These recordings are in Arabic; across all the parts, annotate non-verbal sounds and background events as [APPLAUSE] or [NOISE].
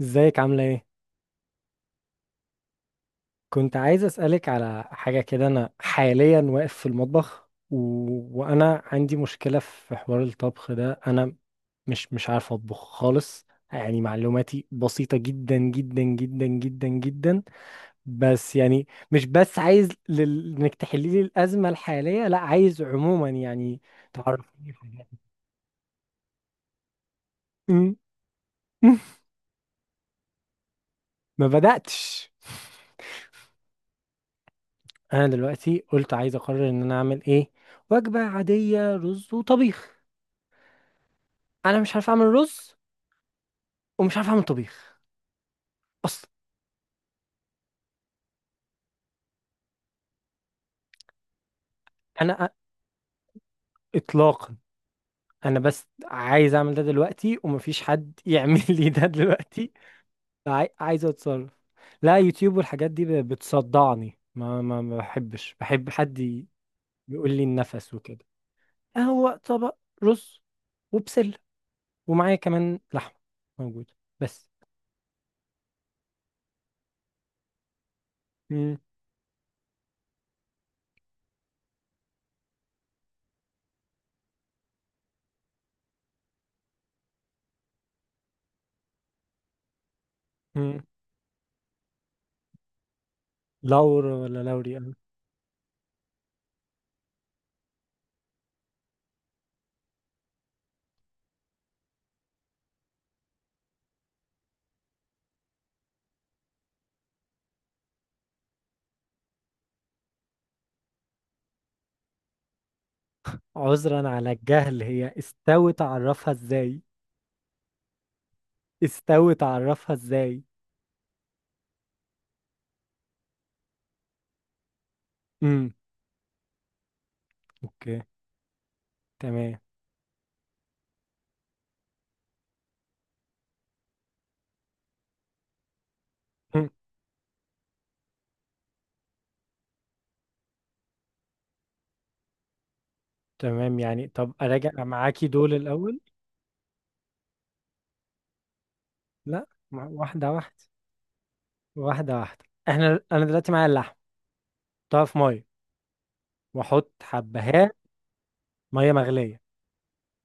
ازيك عاملة ايه؟ كنت عايز اسألك على حاجة كده. انا حاليا واقف في المطبخ وانا عندي مشكلة في حوار الطبخ ده. انا مش عارف اطبخ خالص. يعني معلوماتي بسيطة جدا جدا جدا جدا جدا. بس يعني مش بس عايز انك تحلي لي الأزمة الحالية، لا عايز عموما يعني تعرفيني في حاجات. م- [LAUGHS] ما بدأتش. انا دلوقتي قلت عايز اقرر ان انا اعمل ايه. وجبة عادية، رز وطبيخ. انا مش عارف اعمل رز ومش عارف اعمل طبيخ اصلا. انا أ- اطلاقا. انا بس عايز اعمل ده دلوقتي ومفيش حد [LAUGHS] يعمل لي ده دلوقتي. عايز اتصرف. لا، يوتيوب والحاجات دي بتصدعني. ما بحبش، بحب حد يقول لي النفس وكده. هو طبق رز وبسلة، ومعايا كمان لحمة موجودة بس. مم. مم. لورا ولا لوري أنا؟ عذرا على الجهل، هي استوت اعرفها ازاي؟ استوت اعرفها ازاي؟ امم. اوكي تمام. مم. تمام يعني، طب اراجع معاكي دول الاول. لا، واحده واحده، واحده واحده. احنا انا دلوقتي معايا اللحم. طب في ميه؟ واحط حبهان. ميه مغليه.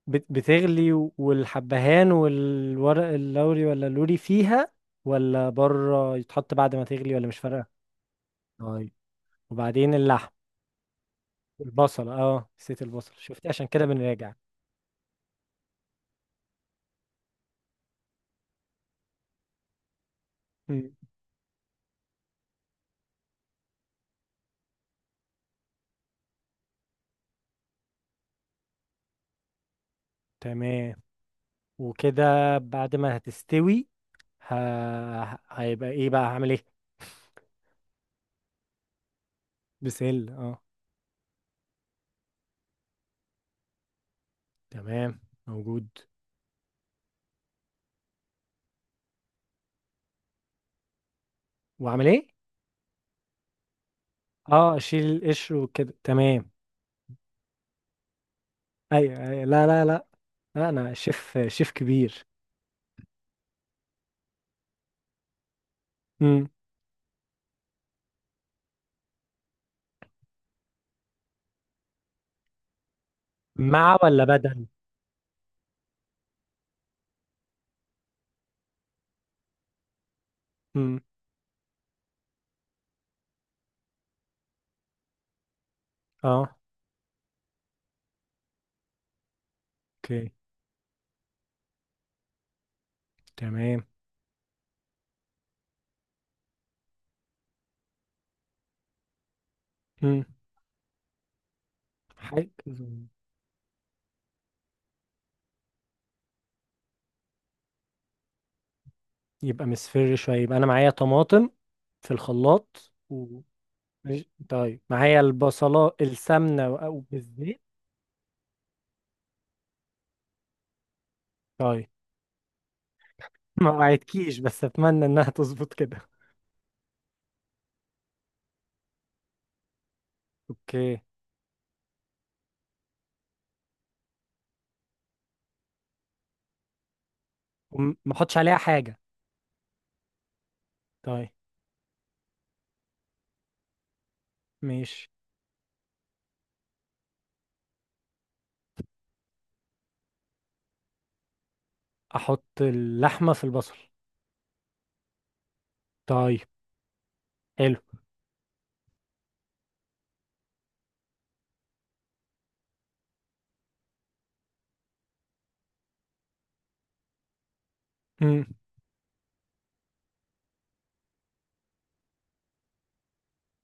بتغلي والحبهان والورق اللوري ولا اللوري فيها؟ ولا بره يتحط بعد ما تغلي؟ ولا مش فارقه؟ طيب، وبعدين اللحم. البصل، اه نسيت البصل شفتي عشان كده بنراجع. مم. تمام وكده. بعد ما هتستوي، ه... هيبقى ايه بقى، هعمل ايه؟ بسل اه. تمام، موجود. واعمل ايه؟ اه اشيل القشر وكده تمام. ايوه أيوة. لا لا لا. لا انا شيف شيف كبير. امم. مع ولا بدل؟ امم. اه. اوكي تمام. امم. حاجة. يبقى مصفر شوية. يبقى انا معايا طماطم في الخلاط ماشي. طيب معايا البصلة، السمنة او بالزيت. طيب. [LAUGHS] ما وعدتكيش بس اتمنى انها تظبط كده. اوكي. وما احطش عليها حاجة؟ طيب. ماشي، احط اللحمة في البصل. طيب. حلو. مم.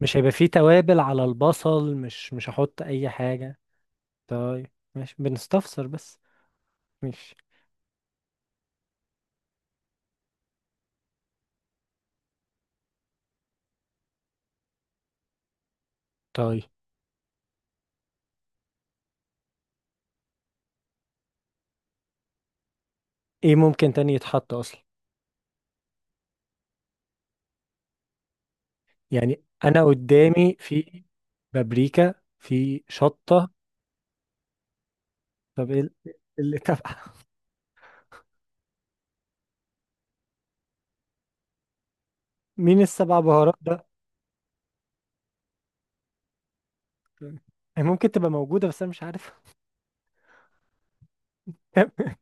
مش هيبقى فيه توابل على البصل؟ مش هحط اي حاجة؟ طيب، ماشي، بنستفسر بس. ماشي. طيب، ايه ممكن تاني يتحط اصلا؟ يعني انا قدامي في بابريكا، في شطة. طب ايه اللي تبع؟ [LAUGHS] مين السبع بهارات ده؟ طيب. هي ممكن تبقى موجودة بس انا مش عارف. [LAUGHS]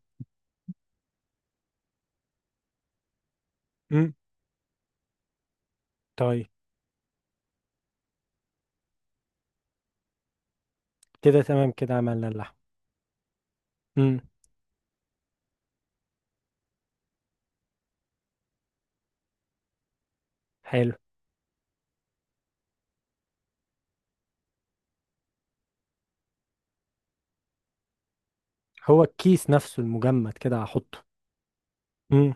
مم. طيب، كده تمام، كده عملنا اللحم. مم. حلو. هو الكيس نفسه المجمد كده هحطه. امم.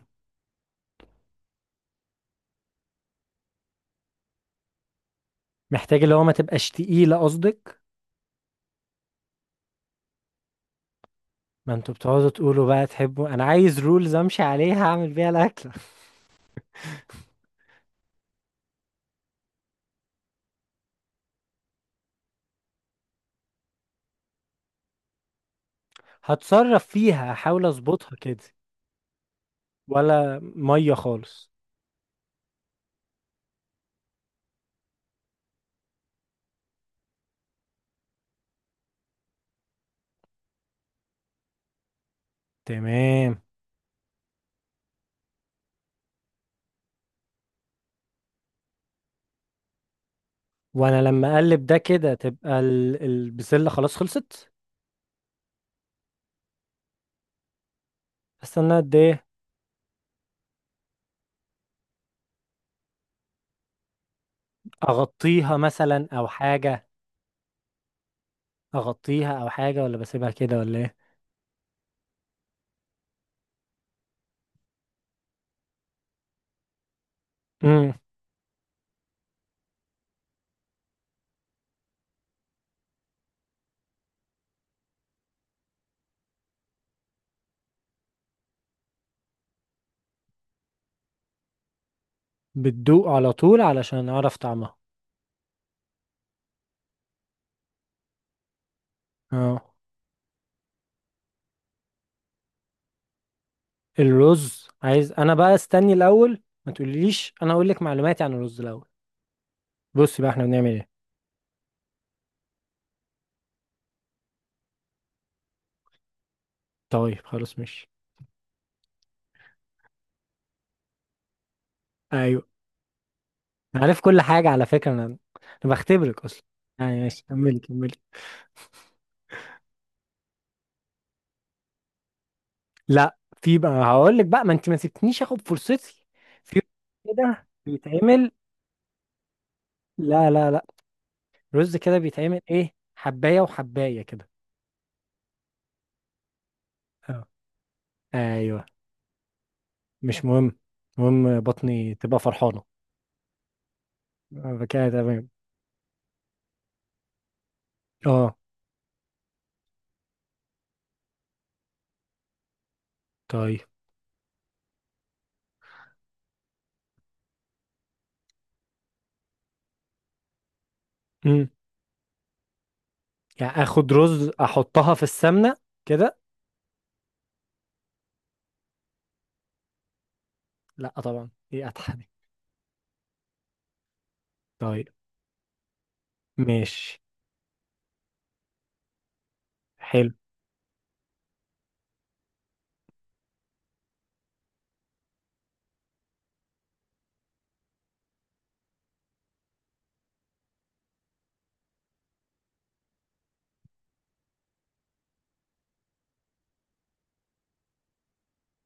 محتاج اللي هو ما تبقاش تقيلة قصدك؟ ما انتوا بتقعدوا تقولوا بقى تحبوا، انا عايز رولز امشي عليها اعمل بيها الاكل. هتصرف فيها، احاول اظبطها كده. ولا مية خالص. تمام. وانا لما اقلب ده كده، تبقى البسلة خلاص خلصت؟ استنى قد ايه؟ اغطيها مثلا او حاجة؟ اغطيها او حاجة ولا بسيبها كده ولا ايه؟ امم. بتدوق على طول علشان اعرف طعمها. اه. الرز، عايز انا بقى استني الاول ما تقوليش، انا اقول لك معلوماتي عن الرز الاول. بصي بقى، احنا بنعمل ايه؟ طيب خلاص ماشي. ايوه، أنا عارف كل حاجه على فكره، انا انا بختبرك اصلا. يعني ماشي، كملي كملي. لا، في بقى هقول لك بقى، ما انت ما سبتنيش اخد فرصتي. في كده بيتعمل. لا لا لا، رز كده بيتعمل ايه، حبايه وحبايه كده. اه. ايوه، مش مهم، المهم بطني تبقى فرحانه. آه، كده تمام. اه طيب، يعني اخد رز احطها في السمنة كده. لا طبعا، دي اتحة دي. طيب ماشي. حلو.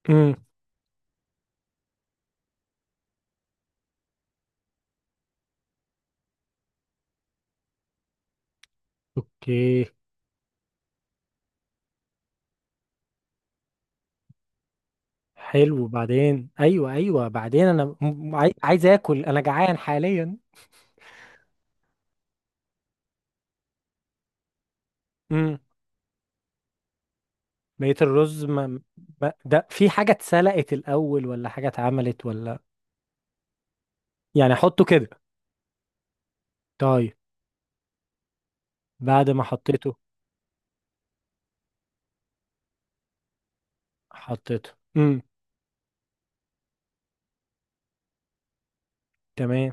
امم. اوكي. حلو. وبعدين ايوه ايوه بعدين انا عايز اكل، انا جعان حاليا. امم. لقيت الرز ما. ده في حاجة اتسلقت الاول ولا حاجة اتعملت ولا؟ يعني احطه كده. طيب. بعد ما حطيته. حطيته. امم. تمام.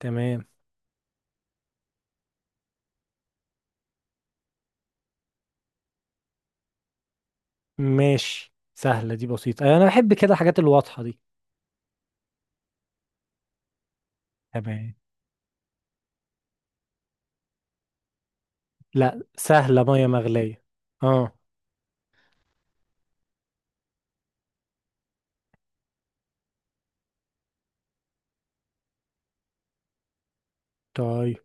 تمام. ماشي، سهلة دي، بسيطة. انا بحب كده الحاجات الواضحة دي. تمام. لا، سهلة، مية مغلية. اه. طيب.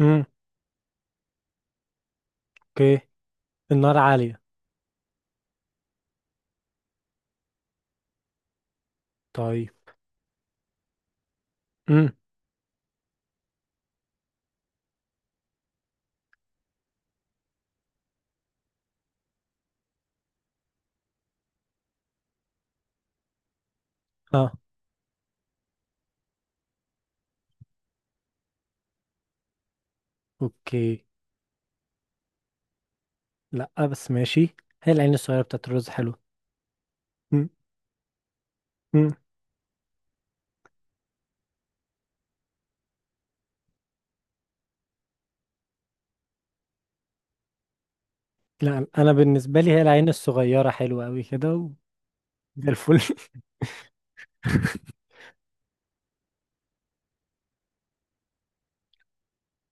امم. اوكي. النار عالية. طيب. امم. اه. اوكي. لا بس ماشي. هي العين الصغيرة بتاعت الرز حلوة. امم. امم. لا انا بالنسبة لي هي العين الصغيرة حلوة قوي كده زي الفل. [LAUGHS]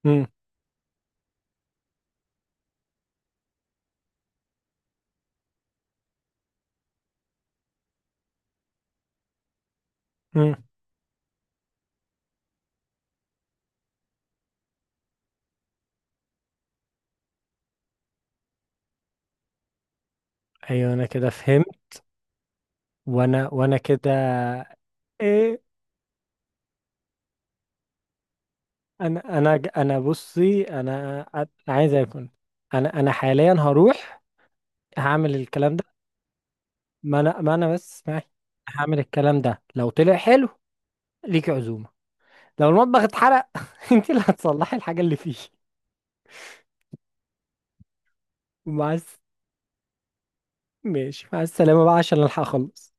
امم. امم. ايوه انا كده فهمت. وانا كده. ايه. انا انا بصي، انا عايز اكل. انا حاليا هروح هعمل الكلام. ما انا بس معي. هعمل الكلام ده، لو طلع حلو ليكي عزومة. لو المطبخ اتحرق [LAUGHS] انت اللي هتصلحي الحاجة اللي فيه. مع الس- ماشي مع السلامة بقى عشان الحق اخلص.